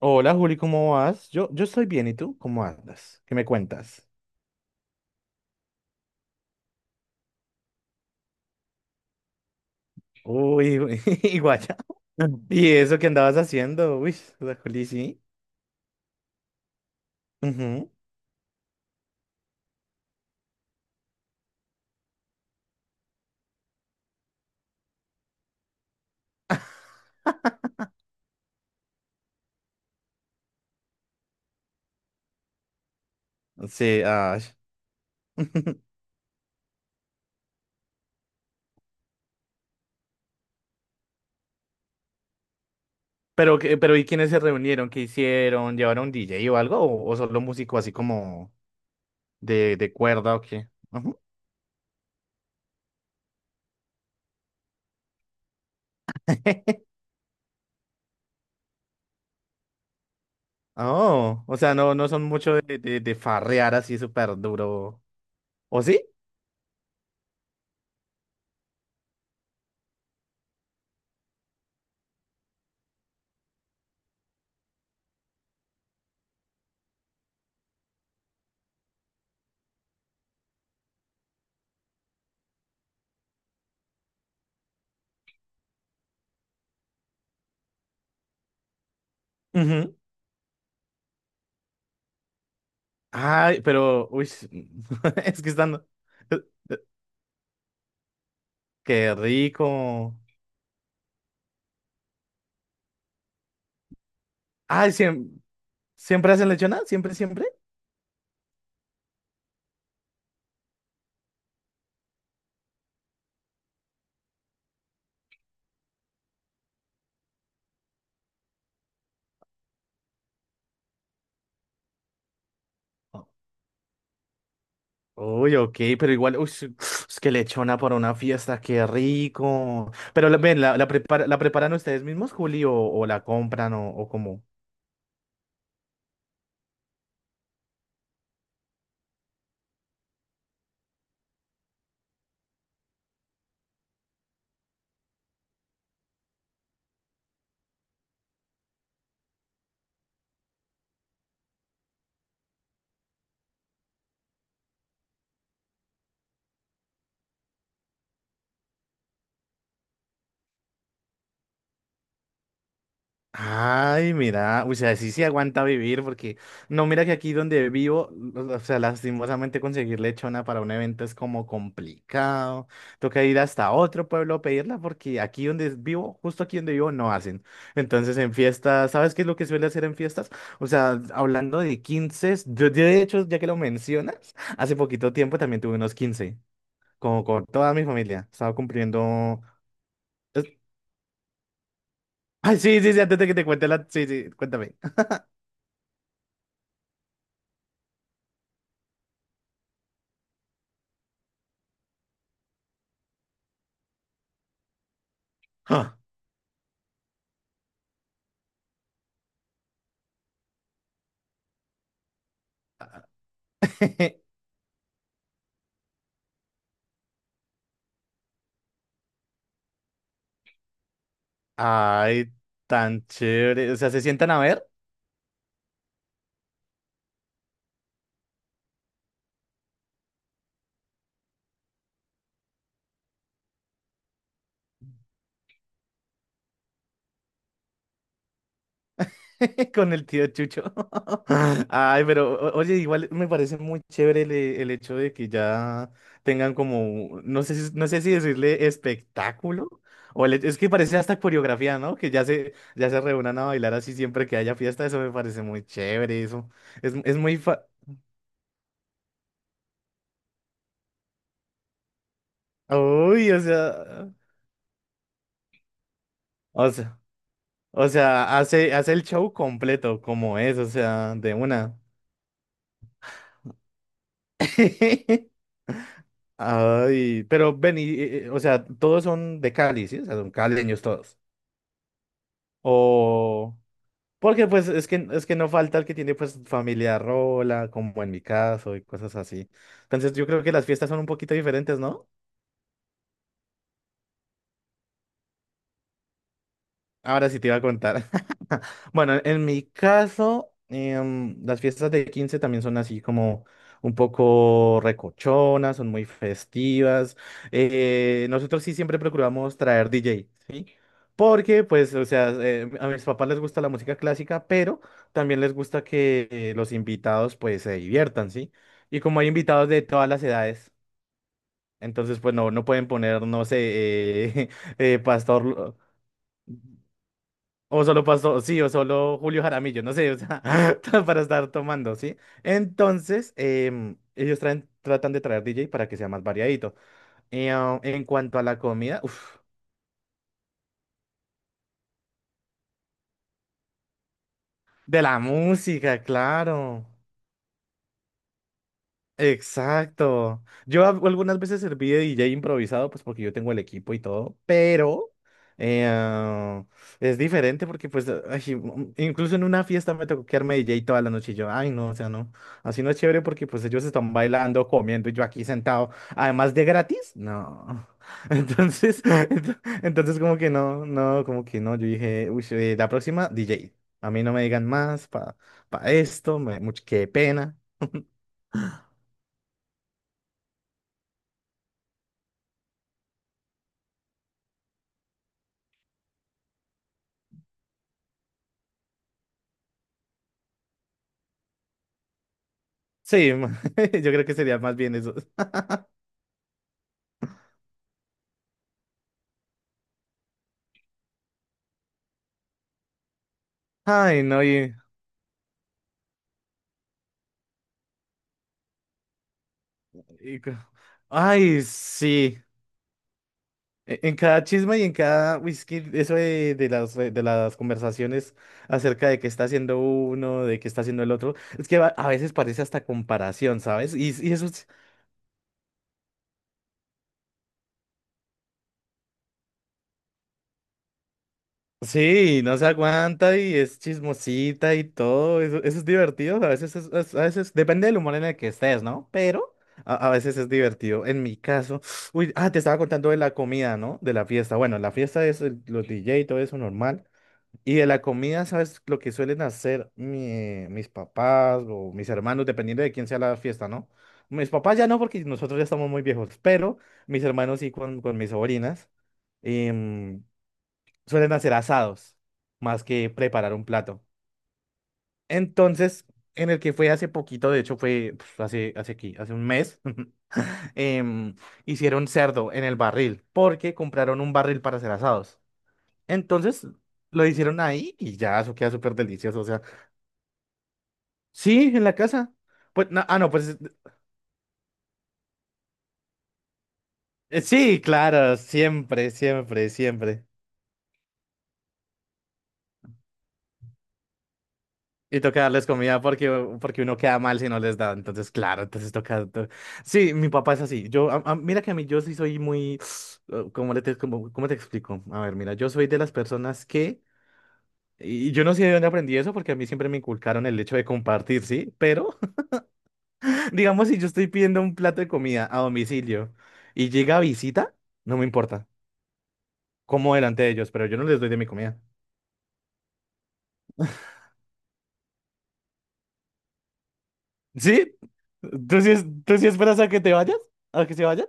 Hola Juli, ¿cómo vas? Yo estoy bien, ¿y tú? ¿Cómo andas? ¿Qué me cuentas? Uy, uy, guaya. ¿Y eso que andabas haciendo? Uy, la Juli, sí. Ujú. Sí, ay. Pero, ¿y quiénes se reunieron? ¿Qué hicieron? ¿Llevaron DJ o algo? ¿O solo músico así como de cuerda o qué? Ujú. Oh, o sea, no, no son mucho de farrear así súper duro. ¿O sí? Ujú. Ay, pero, uy, es que están. Qué rico. Ay, siempre, ¿siempre hacen lechona? ¿Siempre, siempre? Oh, uy, ok, pero igual, uy, es que lechona para una fiesta, qué rico. Pero ven, ¿la preparan ustedes mismos, Juli, o la compran o cómo? Ay, mira, o sea, sí se aguanta vivir porque no, mira que aquí donde vivo, o sea, lastimosamente conseguir lechona para un evento es como complicado. Toca ir hasta otro pueblo a pedirla porque aquí donde vivo, justo aquí donde vivo, no hacen. Entonces en fiestas, ¿sabes qué es lo que suele hacer en fiestas? O sea, hablando de 15, yo de hecho, ya que lo mencionas, hace poquito tiempo también tuve unos 15, como con toda mi familia. Estaba cumpliendo... es- Ay, sí, sí, sí, antes de que te cuente la... Sí, sí, cuéntame. Ay, tan chévere. O sea, se sientan a ver con el tío Chucho. Ay, pero oye, igual me parece muy chévere el hecho de que ya tengan como, no sé, no sé si decirle espectáculo. O es que parece hasta coreografía, ¿no? Que ya se reúnan a bailar así siempre que haya fiesta. Eso me parece muy chévere. Eso es muy. Uy, o sea, o sea, hace el show completo como es, o sea, de una. Ay, pero ven, o sea, todos son de Cali, ¿sí? O sea, son caleños todos. O porque pues es que no falta el que tiene pues familia rola, como en mi caso y cosas así. Entonces yo creo que las fiestas son un poquito diferentes, ¿no? Ahora sí te iba a contar. Bueno, en mi caso, las fiestas de 15 también son así como un poco recochonas, son muy festivas. Nosotros sí siempre procuramos traer DJ, ¿sí? Porque, pues, o sea, a mis papás les gusta la música clásica, pero también les gusta que los invitados, pues, se diviertan, ¿sí? Y como hay invitados de todas las edades, entonces, pues, no, no pueden poner, no sé, eh, Pastor. O solo pasó, sí, o solo Julio Jaramillo, no sé, o sea, para estar tomando, ¿sí? Entonces, ellos tratan de traer DJ para que sea más variadito. Y, en cuanto a la comida, uff, de la música, claro. Exacto. Yo algunas veces serví de DJ improvisado, pues porque yo tengo el equipo y todo, pero eh, ah, es diferente porque pues ay, incluso en una fiesta me tocó quedarme DJ toda la noche y yo, ay no, o sea, no, así no es chévere porque pues ellos están bailando, comiendo y yo aquí sentado, además de gratis, no. Entonces, entonces como que no, no, como que no, yo dije, uy, la próxima DJ, a mí no me digan más para esto, qué pena. Sí, yo creo que sería más bien eso. Ay, no, y co- ay, sí. En cada chisme y en cada whisky, eso de las conversaciones acerca de qué está haciendo uno, de qué está haciendo el otro, es que a veces parece hasta comparación, ¿sabes? Y eso. Sí, no se aguanta y es chismosita y todo. Eso es divertido. A veces, a veces depende del humor en el que estés, ¿no? Pero a veces es divertido. En mi caso, uy, ah, te estaba contando de la comida, ¿no? De la fiesta. Bueno, la fiesta es los DJ y todo eso normal. Y de la comida, ¿sabes lo que suelen hacer mis papás o mis hermanos, dependiendo de quién sea la fiesta, ¿no? Mis papás ya no, porque nosotros ya estamos muy viejos, pero mis hermanos sí con mis sobrinas suelen hacer asados más que preparar un plato. Entonces, en el que fue hace poquito, de hecho fue hace aquí, hace un mes, em, hicieron cerdo en el barril porque compraron un barril para hacer asados. Entonces, lo hicieron ahí y ya, eso queda súper delicioso. O sea, sí, en la casa. Pues, no, ah, no, pues sí, claro, siempre, siempre, siempre. Y toca darles comida porque uno queda mal si no les da. Entonces, claro, entonces toca. Sí, mi papá es así. Mira que a mí yo sí soy muy. ¿Cómo te explico? A ver, mira, yo soy de las personas que. Y yo no sé de dónde aprendí eso porque a mí siempre me inculcaron el hecho de compartir, ¿sí? Pero, digamos, si yo estoy pidiendo un plato de comida a domicilio y llega visita, no me importa. Como delante de ellos, pero yo no les doy de mi comida. ¿Sí? ¿Tú sí, esperas a que te vayas? ¿A que se vayan?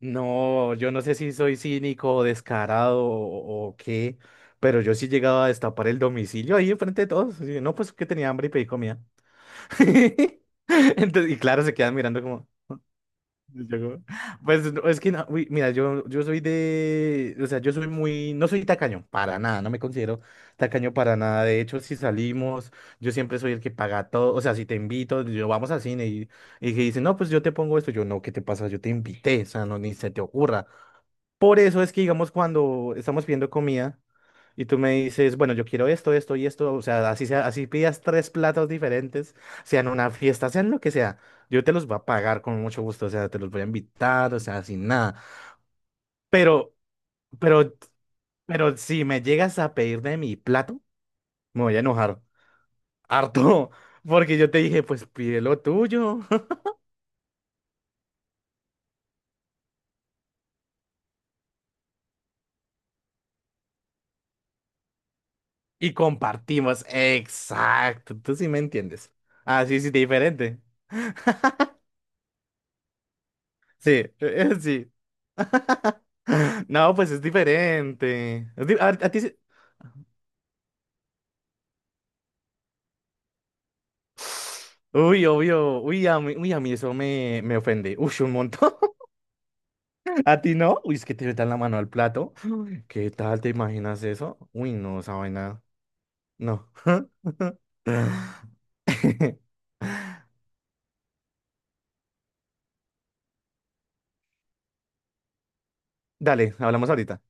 No, yo no sé si soy cínico o descarado o qué, pero yo sí llegaba a destapar el domicilio ahí enfrente de todos. Y yo, no, pues que tenía hambre y pedí comida. Entonces, y claro, se quedan mirando como... y yo como, pues no, es que no, uy, mira, yo soy de... O sea, yo soy muy... No soy tacaño, para nada, no me considero tacaño para nada. De hecho, si salimos, yo siempre soy el que paga todo. O sea, si te invito, yo vamos al cine y que dice, no, pues yo te pongo esto. Yo, no, ¿qué te pasa? Yo te invité, o sea, no, ni se te ocurra. Por eso es que, digamos, cuando estamos pidiendo comida y tú me dices, bueno, yo quiero esto, esto y esto, o sea, así pidas tres platos diferentes, sean una fiesta, sean lo que sea, yo te los voy a pagar con mucho gusto, o sea, te los voy a invitar, o sea, sin nada. Pero, pero, pero, si me llegas a pedir de mi plato, me voy a enojar harto, porque yo te dije, pues pide lo tuyo y compartimos. Exacto, tú sí me entiendes. Así sí, sí, diferente. Sí, sí. No, pues es diferente. Es di- a ti se- Uy, obvio. Uy, a mí eso me ofende. Uy, un montón. ¿A ti no? Uy, es que te metan la mano al plato. ¿Qué tal? ¿Te imaginas eso? Uy, no, esa vaina. No. Dale, hablamos ahorita.